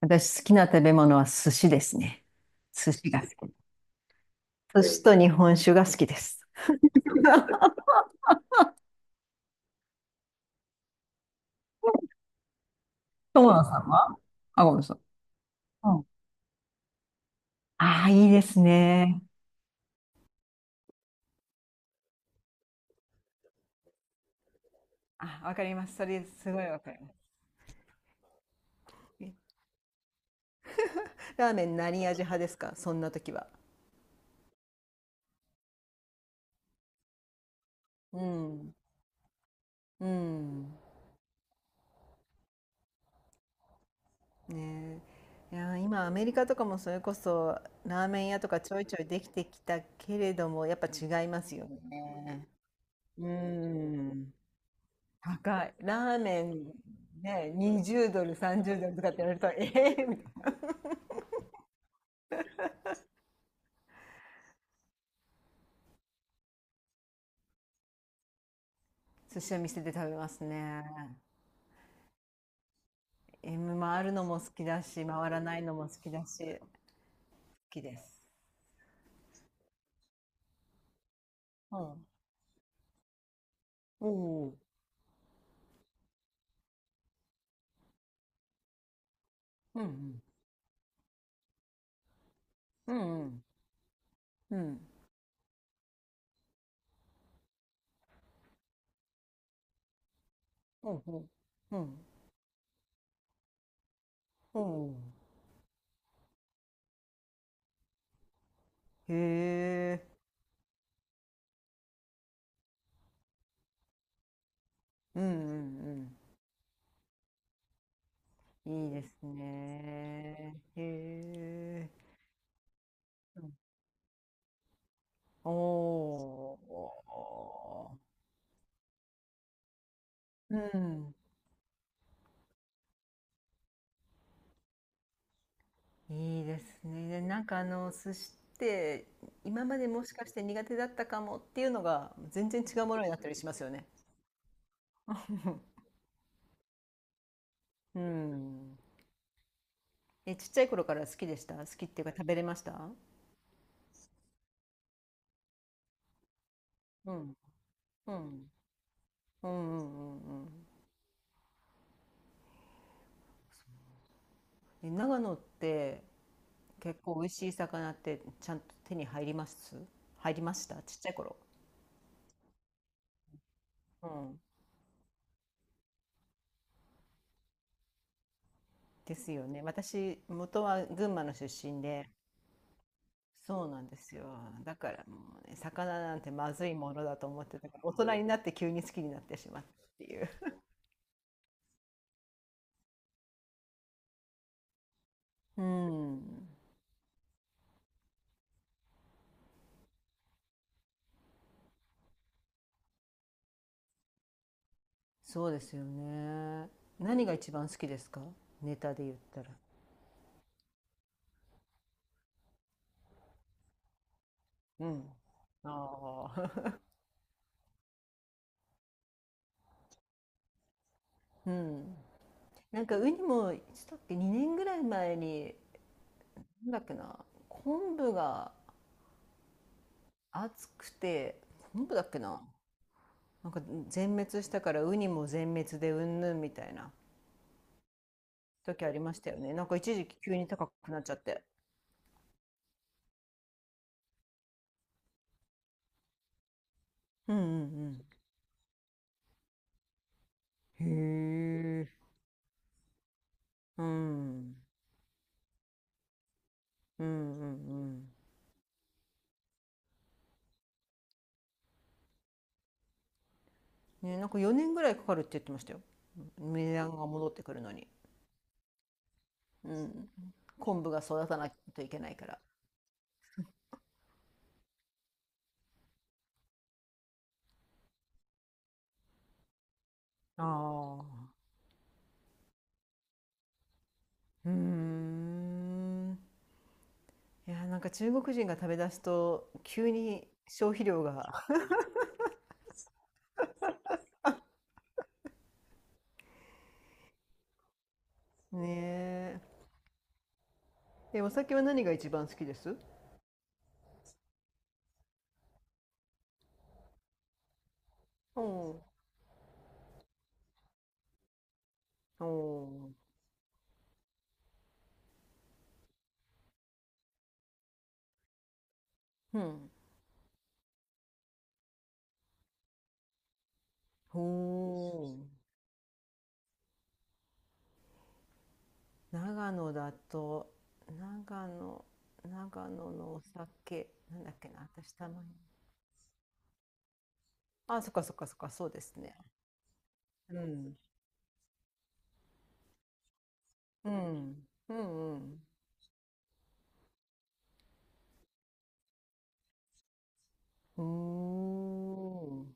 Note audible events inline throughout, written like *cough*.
私好きな食べ物は寿司ですね。寿司が好き。寿司と日本酒が好きです。*laughs* 友野さんは、あ、ごめんなさい。うん。ああ、いいですね。あ、わかります。それすごいわかります。ラーメン何味派ですか、そんな時は？うん。うん。ねえ。いやー、今アメリカとかもそれこそラーメン屋とかちょいちょいできてきたけれども、やっぱ違いますよね。うん。高い。ラーメンね、20ドル、30ドルとかって言われると、ええーみたいな。寿司は店で食べますね。回るのも好きだし、回らないのも好きだし、好きです。うん。おお。うんうん。うんうん。うん。おうおう。うん。おうおう。へえ。うんうんうんうん、うん、うおう、うん、うへえ、うんうんうん、いいですね。へえ。うんおおうん。いいですね。でなんかあの寿司って今までもしかして苦手だったかもっていうのが全然違うものになったりしますよね。*laughs* うん。え、ちっちゃい頃から好きでした？好きっていうか食べれました？うん。うん。うんうんうんうん。え、長野って結構美味しい魚ってちゃんと手に入ります？入りました、ちっちゃい頃？うん。ですよね。私、元は群馬の出身で、そうなんですよ。だからもうね、魚なんてまずいものだと思ってたから、大人になって急に好きになってしまったっていう。*laughs* うん。そうですよね。何が一番好きですか、ネタで言ったら？うん。ああ。*laughs* うん。なんかウニも、いつだっけ、2年ぐらい前に、なんだっけな、昆布が熱くて、昆布だっけな、なんか全滅したからウニも全滅でうんぬんみたいな時ありましたよね。なんか一時期急に高くなっちゃって。うんうんうんへえ。うん。うんうんうんうん、ね、なんか4年ぐらいかかるって言ってましたよ。値段が戻ってくるのに。うん。昆布が育たないといけないから。ああ。うーん。いや、なんか中国人が食べ出すと急に消費量が。 *laughs*。ねえ。え、お酒は何が一番好きです？おお。おお。うん。おお。長野だと、長野、長野のお酒、なんだっけな、私たまに。あ、そっかそっかそっか、そうですね。うん。うん。うんうん。うーん。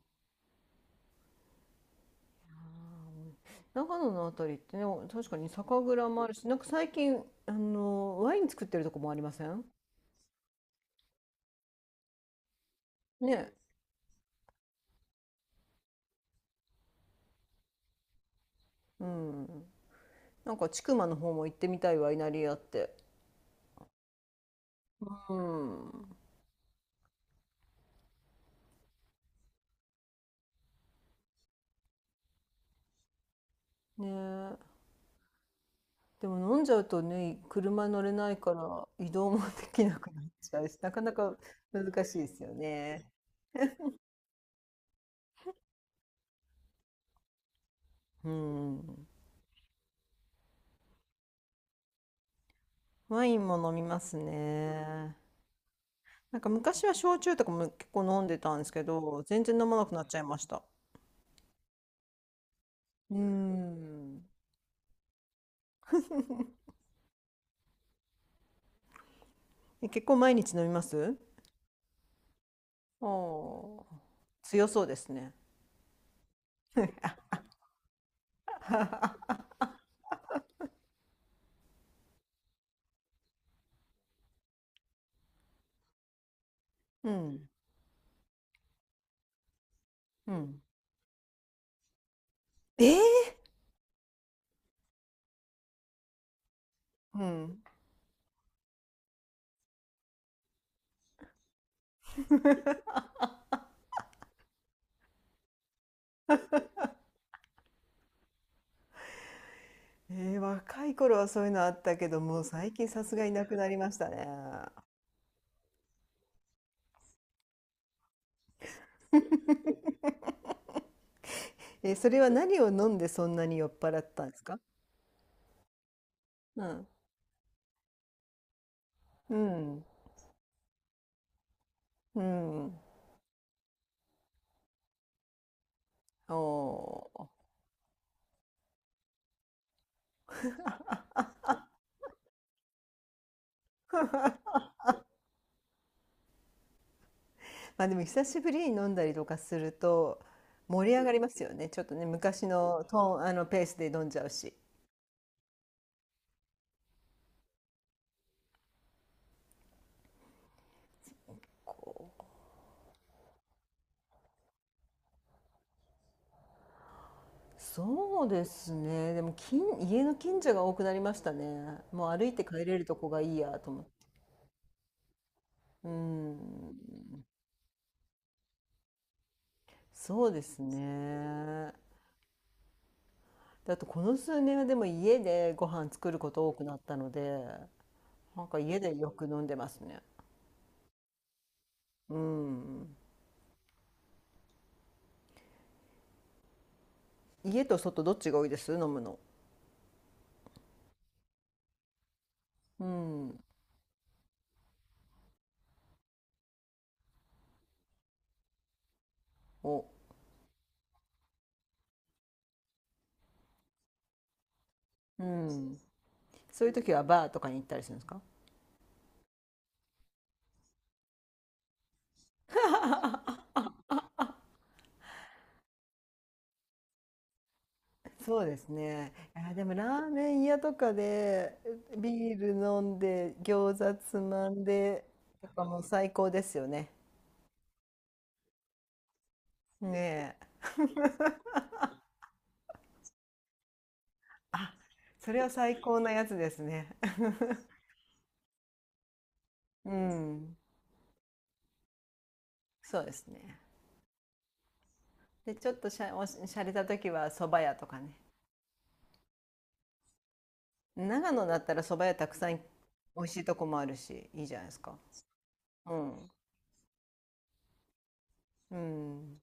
あー長野のあたりってね、確かに酒蔵もあるし、なんか最近、ワイン作ってるとこもありませんね。うん。なんか、千曲の方も行ってみたいワイナリーあって。うん。ねえ。でも飲んじゃうとね、車乗れないから移動もできなくなっちゃうし、なかなか難しいですよね。うん。ワインも飲みますね。なんか昔は焼酎とかも結構飲んでたんですけど、全然飲まなくなっちゃいました。うん。え、 *laughs* 結構毎日飲みます？おー、強そうですね。*laughs* うん。うん。えーうん。若い頃はそういうのあったけど、もう最近さすがになくなりましたね。え、それは何を飲んでそんなに酔っ払ったんですか？うん。うん。うん。おお。まあでも久しぶりに飲んだりとかすると盛り上がりますよね。ちょっとね、昔のトーン、あのペースで飲んじゃうし。こうそうですね。でも家の近所が多くなりましたね。もう歩いて帰れるとこがいいやと思って。うん。そうですね。だとこの数年はでも家でご飯作ること多くなったので、なんか家でよく飲んでますね。うん。家と外、どっちが多いです、飲むの？うん。お、うん。そういう時はバーとかに行ったりするんですか？そうですね。いや、でもラーメン屋とかでビール飲んで餃子つまんでとかも最高ですよね。ねえ。あ、それは最高なやつですね。*laughs* うん。そうですね。で、ちょっとしゃれた時は蕎麦屋とかね。長野だったら蕎麦屋たくさん美味しいとこもあるし、いいじゃないですか。うん。うん。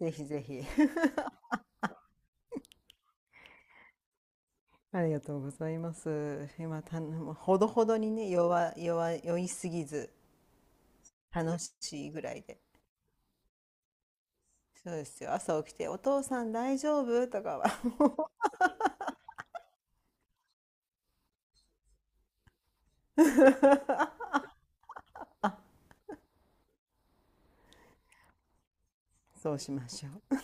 ぜひぜひ。*laughs* ありがとうございます。今、ほどほどにね、酔いすぎず、楽しいぐらいで。そうですよ。朝起きて、お父さん大丈夫とかは。 *laughs* そうしましょう。